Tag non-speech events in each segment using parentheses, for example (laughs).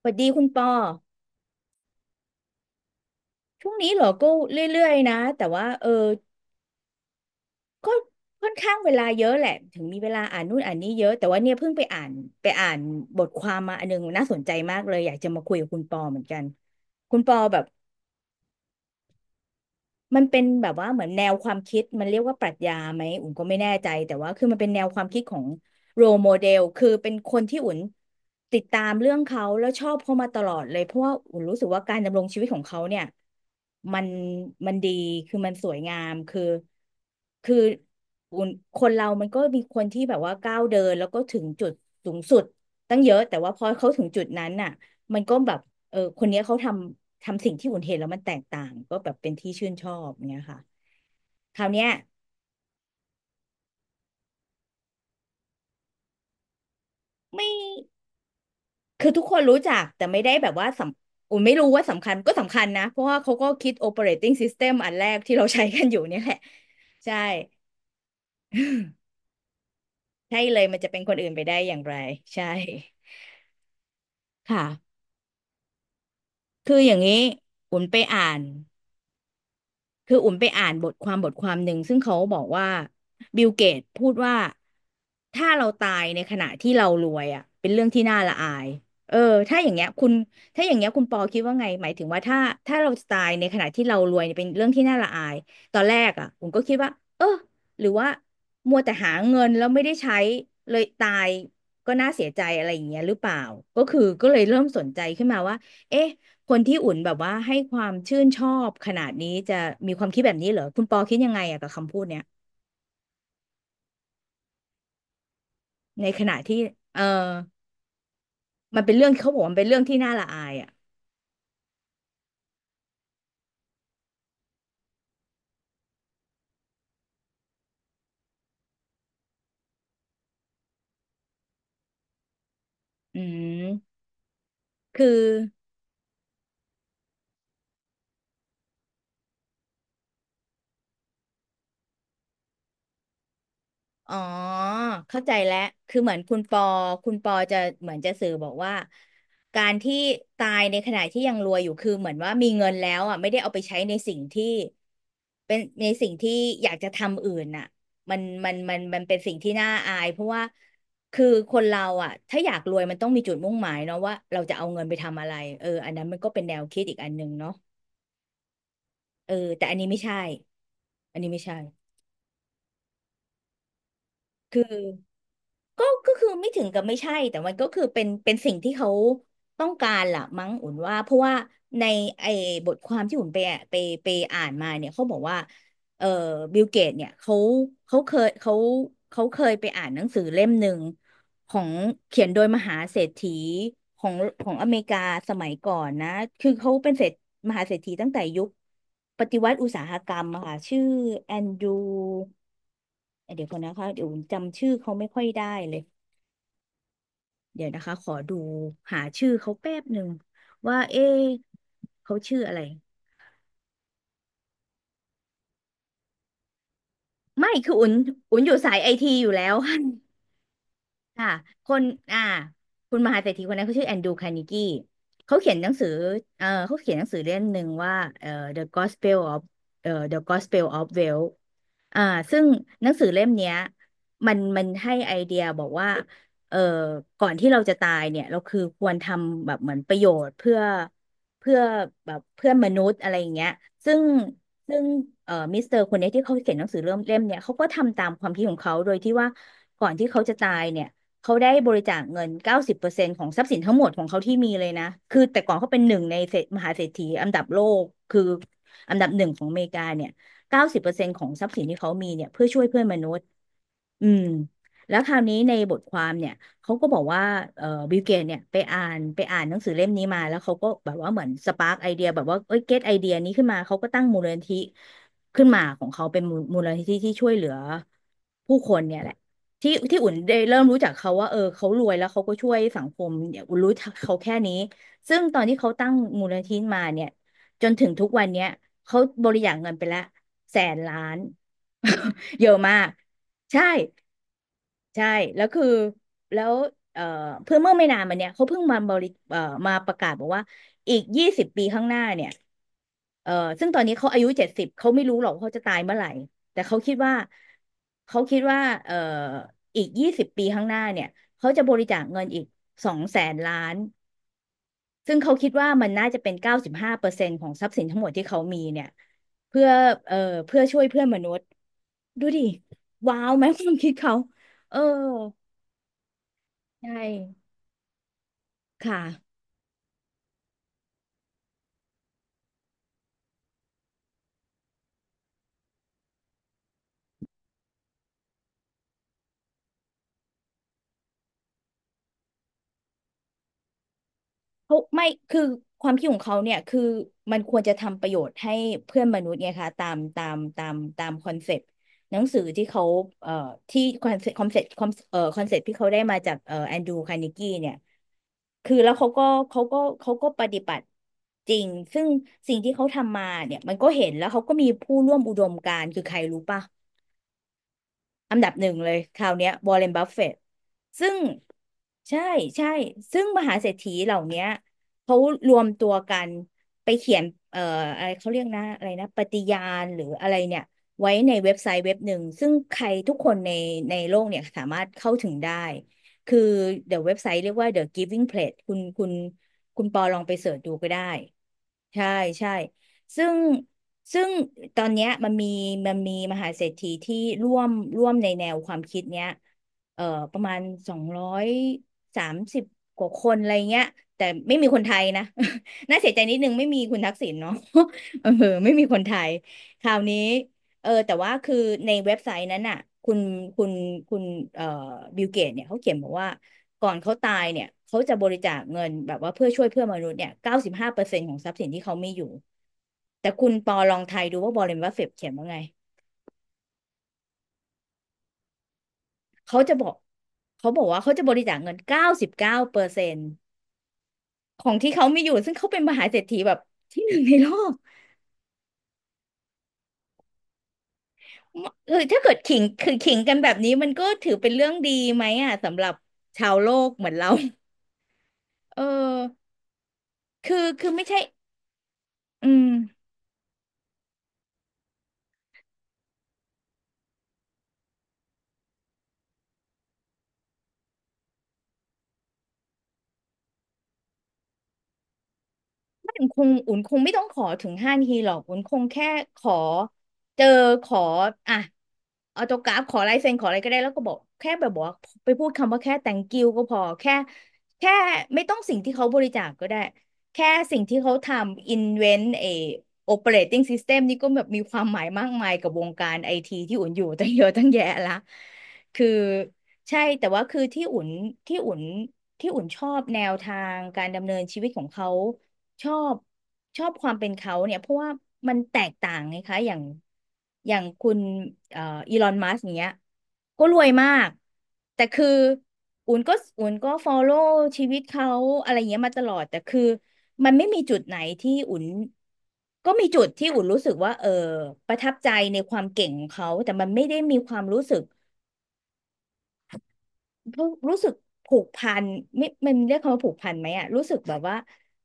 สวัสดีคุณปอช่วงนี้เหรอก็เรื่อยๆนะแต่ว่าก็ค่อนข้างเวลาเยอะแหละถึงมีเวลาอ่านนู่นอ่านนี่เยอะแต่ว่าเนี่ยเพิ่งไปอ่านบทความมาอันนึงน่าสนใจมากเลยอยากจะมาคุยกับคุณปอเหมือนกันคุณปอแบบ มันเป็นแบบว่าเหมือนแนวความคิดมันเรียกว่าปรัชญาไหมอุ่นก็ไม่แน่ใจแต่ว่าคือมันเป็นแนวความคิดของโร m โมเดลคือเป็นคนที่อุ่นติดตามเรื่องเขาแล้วชอบเขามาตลอดเลยเพราะว่าอุ่นรู้สึกว่าการดำรงชีวิตของเขาเนี่ยมันมันดีคือมันสวยงามคืออุ่นคนเรามันก็มีคนที่แบบว่าก้าวเดินแล้วก็ถึงจุดสูงสุดตั้งเยอะแต่ว่าพอเขาถึงจุดนั้นน่ะมันก็แบบ เออคนเนี้ยเขาทำสิ่งที่อุ่นเห็นแล้วมันแตกต่างก็แบบเป็นที่ชื่นชอบเงี้ยค่ะคราวเนี้ยไม่คือทุกคนรู้จักแต่ไม่ได้แบบว่าสำอุ่นไม่รู้ว่าสำคัญก็สำคัญนะเพราะว่าเขาก็คิด operating system อันแรกที่เราใช้กันอยู่เนี่ยแหละใช่ใช่เลยมันจะเป็นคนอื่นไปได้อย่างไรใช่ค่ะคืออย่างนี้อุ่นไปอ่าน คืออุ่นไปอ่านบทความหนึ่งซึ่งเขาบอกว่าบิลเกตพูดว่าถ้าเราตายในขณะที่เรารวยอ่ะเป็นเรื่องที่น่าละอายเออถ้าอย่างเงี้ยคุณถ้าอย่างเงี้ยคุณปอคิดว่าไงหมายถึงว่าถ้าเราตายในขณะที่เรารวยเนี่ยเป็นเรื่องที่น่าละอายตอนแรกอ่ะผมก็คิดว่าเออหรือว่ามัวแต่หาเงินแล้วไม่ได้ใช้เลยตายก็น่าเสียใจอะไรอย่างเงี้ยหรือเปล่าก็คือก็เลยเริ่มสนใจขึ้นมาว่าเอ๊ะ คนที่อุ่นแบบว่าให้ความชื่นชอบขนาดนี้จะมีความคิดแบบนี้เหรอคุณปอคิดยังไงอะกับคำพูดเนี้ยในขณะที่เออมันเป็นเรื่องเขาบอกว่ามันเป็นเรื่องที่น่าละอายอะอืมคือ อ๋อเข้าใจแล้วคือเหมือนคุณปอจะเหมือนจะสื่อบอกว่าการที่ตายในขณะที่ยังรวยอยู่คือเหมือนว่ามีเงินแล้วอ่ะไม่ได้เอาไปใช้ในสิ่งที่เป็นในสิ่งที่อยากจะทำอื่นน่ะมันเป็นสิ่งที่น่าอายเพราะว่าคือคนเราอ่ะถ้าอยากรวยมันต้องมีจุดมุ่งหมายเนาะว่าเราจะเอาเงินไปทำอะไรเอออันนั้นมันก็เป็นแนวคิดอีกอันหนึ่งเนาะเออแต่อันนี้ไม่ใช่อันนี้ไม่ใช่คือ ก็คือไม่ถึงกับไม่ใช่ แต่มันก็คือเป็นสิ่งที่เขาต้องการล่ะมั้งอุ่นว่า เพราะว่าในไอ้บทความที่อุ่นไปอ่านมาเนี่ยเขาบอกว่าเอ่อบิลเกตเนี่ยเขาเคยเขาเขาเคยไปอ่านหนังสือเล่มหนึ่งของเขียนโดยมหาเศรษฐีของอเมริกาสมัยก่อนนะ คือเขาเป็นเศรษฐมหาเศรษฐีตั้งแต่ยุคปฏิวัติอุตสาหกรรมอะค่ะชื่อแอนดรูเดี๋ยวก่อนนะคะเดี๋ยวอุ่นจำชื่อเขาไม่ค่อยได้เลย เดี๋ยวนะคะ ขอดูหาชื่อเขาแป๊บหนึ่งว่าเอ๊ะเขาชื่ออะไรไม่คืออุ่นอยู่สายไอทีอยู่แล้ว (laughs) ค่ะคนอ่าคุณมหาเศรษฐีคนนั้นเขาชื่อแอนดรูว์คาร์เนกี้เขาเขียนหนังสือเออเขาเขียนหนังสือเล่มหนึ่งว่าเออ The Gospel of The Gospel of Wealth อ่าซึ่งหนังสือเล่มเนี้ยมันให้ไอเดียบอกว่าเออก่อนที่เราจะตายเนี่ยเราคือควรทำแบบเหมือนประโยชน์เพื่อแบบเพื่อนมนุษย์อะไรอย่างเงี้ยซึ่งซึ่งมิสเตอร์คนเนี้ยที่เขาเขียนหนังสือเล่มเนี่ยเขาก็ทำตามความคิดของเขาโดยที่ว่าก่อนที่เขาจะตายเนี่ย เขาได้บริจาคเงิน90%ของทรัพย์สินทั้งหมดของเขาที่มีเลยนะคือแต่ก่อนเขาเป็นหนึ่งในเศรษมหาเศรษฐีอันดับโลกคืออันดับหนึ่งของอเมริกาเนี่ยเก้าสิบเปอร์เซ็นต์ของทรัพย์สินที่เขามีเนี่ยเพื่อช่วยเพื่อนมนุษย์ อืมแล้วคราวนี้ในบทความเนี่ยเขาก็บอกว่าบิลเกตเนี่ยไปอ่านหนังสือเล่มนี้มาแล้วเขาก็แบบว่าเหมือนสปาร์กไอเดียแบบว่าเอ้ยเก็ตไอเดียนี้ขึ้นมาเขาก็ตั้งมูลนิธิขึ้นมาของเขาเป็นมูลนิธิที่ช่วยเหลือผู้คนเนี่ยแหละ ที่อุ่นได้เริ่มรู้จักเขาว่าเออเขารวยแล้วเขาก็ช่วยสังคมเนี่ยอุ่นรู้จักเขาแค่นี้ซึ่งตอนที่เขาตั้งมูลนิธิมาเนี่ยจนถึงทุกวันเนี้ยเขาบริจาคเงินไปละแสนล้าน (laughs) เยอะมากใช่ ใช่แล้วคือแล้วเอ่อเมื่อไม่นานมาเนี่ยเขาเพิ่งมาบริเอ่อมาประกาศบอกว่าอีกยี่สิบปีข้างหน้าเนี่ยเอ่อซึ่งตอนนี้เขาอายุ70เขาไม่รู้หรอกว่าเขาจะตายเมื่อไหร่แต่เขาคิดว่าเอ่ออีกยี่สิบปีข้างหน้าเนี่ยเขาจะบริจาคเงินอีกสองแสนล้านซึ่งเขาคิดว่ามันน่าจะเป็นเก้าสิบห้าเปอร์เซ็นต์ของทรัพย์สินทั้งหมดที่เขามีเนี่ยเพื่อเอ่อเพื่อช่วยเพื่อนมนุษย์ดูดิว้าวไหมความคิดเขาเออ ใช่ค่ะเขาไม่คือความคิดของเขาเนี่ยคือมันควรจะทำประโยชน์ให้เพื่อนมนุษย์ไงคะตามคอนเซปต์หนังสือที่เขาเอ่อที่คอนเซปต์คอนเซปต์เอ่อคอนเซปต์ที่เขาได้มาจากแอนดรูคาร์เนกีเนี่ยคือแล้วเขาก็ปฏิบัติจริงซึ่งสิ่งที่เขาทำมาเนี่ยมันก็เห็นแล้วเขาก็มีผู้ร่วมอุดมการณ์คือใครรู้ป่ะ อันดับหนึ่งเลยคราวเนี้ยวอร์เรนบัฟเฟตต์ซึ่งใช่ใช่ซึ่งมหาเศรษฐีเหล่าเนี้ยเขารวมตัวกันไปเขียนเอ่ออะไรเขาเรียกนะอะไรนะปฏิญาณหรืออะไรเนี่ยไว้ในเว็บไซต์เว็บหนึ่งซึ่งใครทุกคนในในโลกเนี่ยสามารถเข้าถึงได้คือเดี๋ยวเว็บไซต์เรียกว่า The Giving Pledge คุณคุณคุณปอลองไปเสิร์ชดูก็ได้ใช่ใช่ซึ่ง ซึ่งตอนเนี้ยมันมีมหาเศรษฐีที่ร่วมร่วมในแนวความคิดเนี้ยเอ่อประมาณ230กว่าคนอะไรเงี้ยแต่ไม่มีคนไทยนะ (laughs) น่าเสียใจนิดนึงไม่มีคุณทักษิณเนาะ (laughs) เออไม่มีคนไทยคราวนี้ เออแต่ว่าคือในเว็บไซต์นั้นน่ะคุณคุณคุณเอ่อบิลเกตเนี่ยเขาเขียนบอกว่าก่อนเขาตายเนี่ยเขาจะบริจาคเงินแบบว่าเพื่อช่วยเพื่อนมนุษย์เนี่ยเก้าสิบห้าเปอร์เซ็นต์ของทรัพย์สินที่เขามีอยู่แต่คุณปอลองทายดูว่าบอเรนบัฟเฟตเขียนว่าไงเขาจะบอกเขาบอกว่าเขาจะบริจาคเงิน99%ของที่เขามีอยู่ซึ่งเขาเป็นมหาเศรษฐีแบบที่หนึ่งในโลกคือถ้าเกิดขิงคือขิงกันแบบนี้มันก็ถือเป็นเรื่องดีไหมอ่ะสำหรับชาวโลกเหมือนเราเออ คือไม่ใช่อืม อุ่นคงไม่ต้องขอถึง5 นาทีหรอกอุ่นคงแค่ขอเจอขออ่ะออโต้กราฟขอลายเซ็นขออะไรก็ได้แล้วก็บอกแค่แบบบอกว่าไปพูดคำว่าแค่ thank you ก็พอแค่ไม่ต้องสิ่งที่เขาบริจาคก็ได้แค่สิ่งที่เขาทำ invent เอ operating system นี่ก็แบบมีความหมายมากมายกับวงการไอทีที่อุ่นอยู่ตั้งเยอะตั้งแยะละคือใช่แต่ว่าคือที่อุ่นที่อุ่นชอบแนวทางการดำเนินชีวิตของเขา ชอบชอบความเป็นเขาเนี่ยเพราะว่ามันแตกต่างไงคะอย่างคุณเอ่ออีลอนมัสก์เนี้ยก็รวยมากแต่คืออุ่นก็อุ่นก็ฟอลโล่ชีวิตเขาอะไรเงี้ยมาตลอดแต่คือมันไม่มีจุดไหนที่อุ่นก็มีจุดที่อุ่นรู้สึกว่าเออประทับใจในความเก่งของเขาแต่มันไม่ได้มีความรู้สึก รู้สึกผูกพันไม่มันเรียกคำว่าผูกพันไหมอะรู้สึกแบบว่า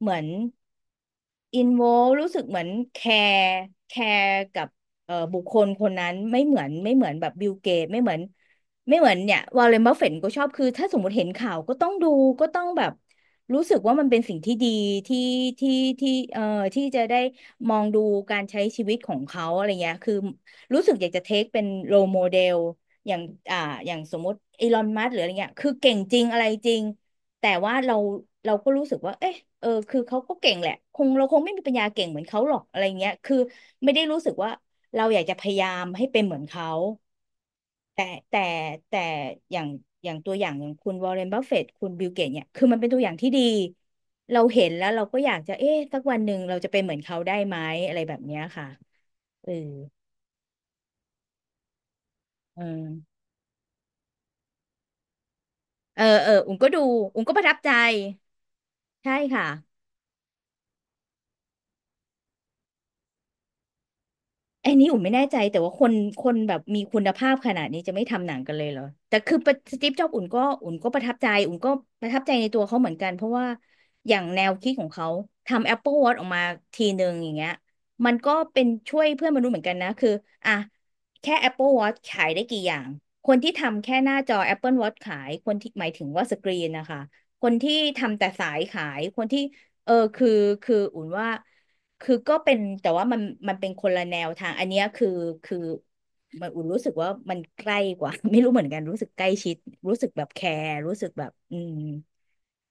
เหมือนอินโวรู้สึกเหมือนร์แคร์กับบุคคลคนนั้นไม่เหมือนแบบบิลเกตไม่เหมือนเนี่ยวอร์เรนบัฟเฟตก็ชอบคือถ้าสมมติเห็นข่าวก็ต้องดูก็ต้องแบบรู้สึกว่ามันเป็นสิ่งที่ดีที่ที่ที่ที่จะได้มองดูการใช้ชีวิตของเขาอะไรเงี้ยคือรู้สึกอยากจะเทคเป็นโรโมเดล อย่างอ่าอย่างสมมติอีลอนมัสหรืออะไรเงี้ยคือเก่งจริงอะไรจริงแต่ว่าเราก็รู้สึกว่าเอ๊ะเออคือเขาก็เก่งแหละคงเราคงไม่มีปัญญาเก่งเหมือนเขาหรอกอะไรเงี้ยคือไม่ได้รู้สึกว่าเราอยากจะพยายามให้เป็นเหมือนเขาแต่แต่แต่อย่างอย่างตัวอย่างอย่างคุณวอร์เรนบัฟเฟตต์คุณบิลเกตเนี่ยคือมันเป็นตัวอย่างที่ดีเราเห็นแล้วเราก็อยากจะเอ๊ะสักวันหนึ่งเราจะเป็นเหมือนเขาได้ไหมอะไรแบบเนี้ยค่ะเออเออเอออุ้มก็ดูอุ้มก็ประทับใจใช่ค่ะ ไอ้นี่อุ่นไม่แน่ใจแต่ว่าคนแบบมีคุณภาพขนาดนี้จะไม่ทำหนังกันเลยเหรอแต่คือประสตีฟจ็อบอุ่นก็ประทับใจในตัวเขาเหมือนกันเพราะว่าอย่างแนวคิดของเขาทำ Apple Watch ออกมาทีหนึ่งอย่างเงี้ยมันก็เป็นช่วยเพื่อนมนุษย์เหมือนกันนะคืออ่ะแค่ Apple Watch ขายได้กี่อย่างคนที่ทำแค่หน้าจอ Apple Watch ขายคนที่หมายถึงว่าสกรีนนะคะคนที่ทำแต่สายขายคนที่เออคืออุ่นว่า คือก็เป็นแต่ว่ามันเป็นคนละแนวทางอันเนี้ยคือมันอุ่นรู้สึกว่ามันใกล้กว่า (laughs) ไม่รู้เหมือนกันรู้สึกใกล้ชิดรู้สึกแบบแคร์รู้สึกแบบอืม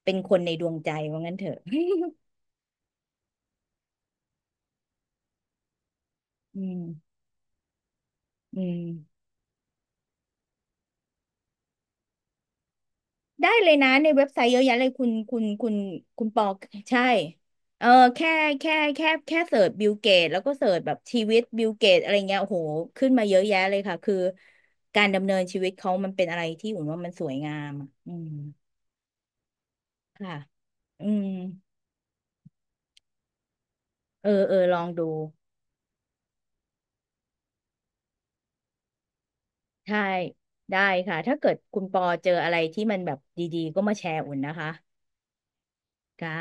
เป็นคนในดวงใจว่างั้นเถอะ (laughs) อืมอืมได้เลยนะในเว็บไซต์เยอะแยะเลยคุณปอใช่เออแค่แค่เสิร์ชบิลเกตแล้วก็เสิร์ชแบบชีวิตบิลเกตอะไรเงี้ยโอ้โหขึ้นมาเยอะแยะเลยค่ะคือการดำเนินชีวิตเขามันเป็นอะไรที่อุ่นว่ามันสวยงามอะอืม ค่ะอืมเออเออลองดูใช่ได้ค่ะ ถ้าเกิดคุณปอเจออะไรที่มันแบบดีๆก็มาแชร์อุ่นนะคะค่ะ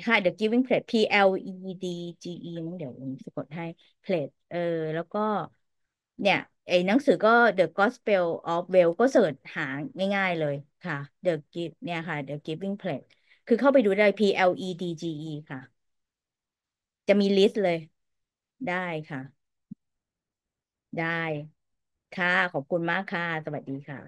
ค่ะ The Giving Plate PLEDGE มั้งเดี๋ยวอุ่นสะกดให้ Plate เออแล้วก็เนี่ย ไอ้หนังสือก็ The Gospel of Well ก็เสิร์ชหาง่ายๆเลยค่ะ The Give เนี่ยค่ะ The Giving Plate คือเข้าไปดูได้ PLEDGE ค่ะ จะมีลิสต์เลย ได้ค่ะ ได้ ค่ะขอบคุณมากค่ะ สวัสดีค่ะ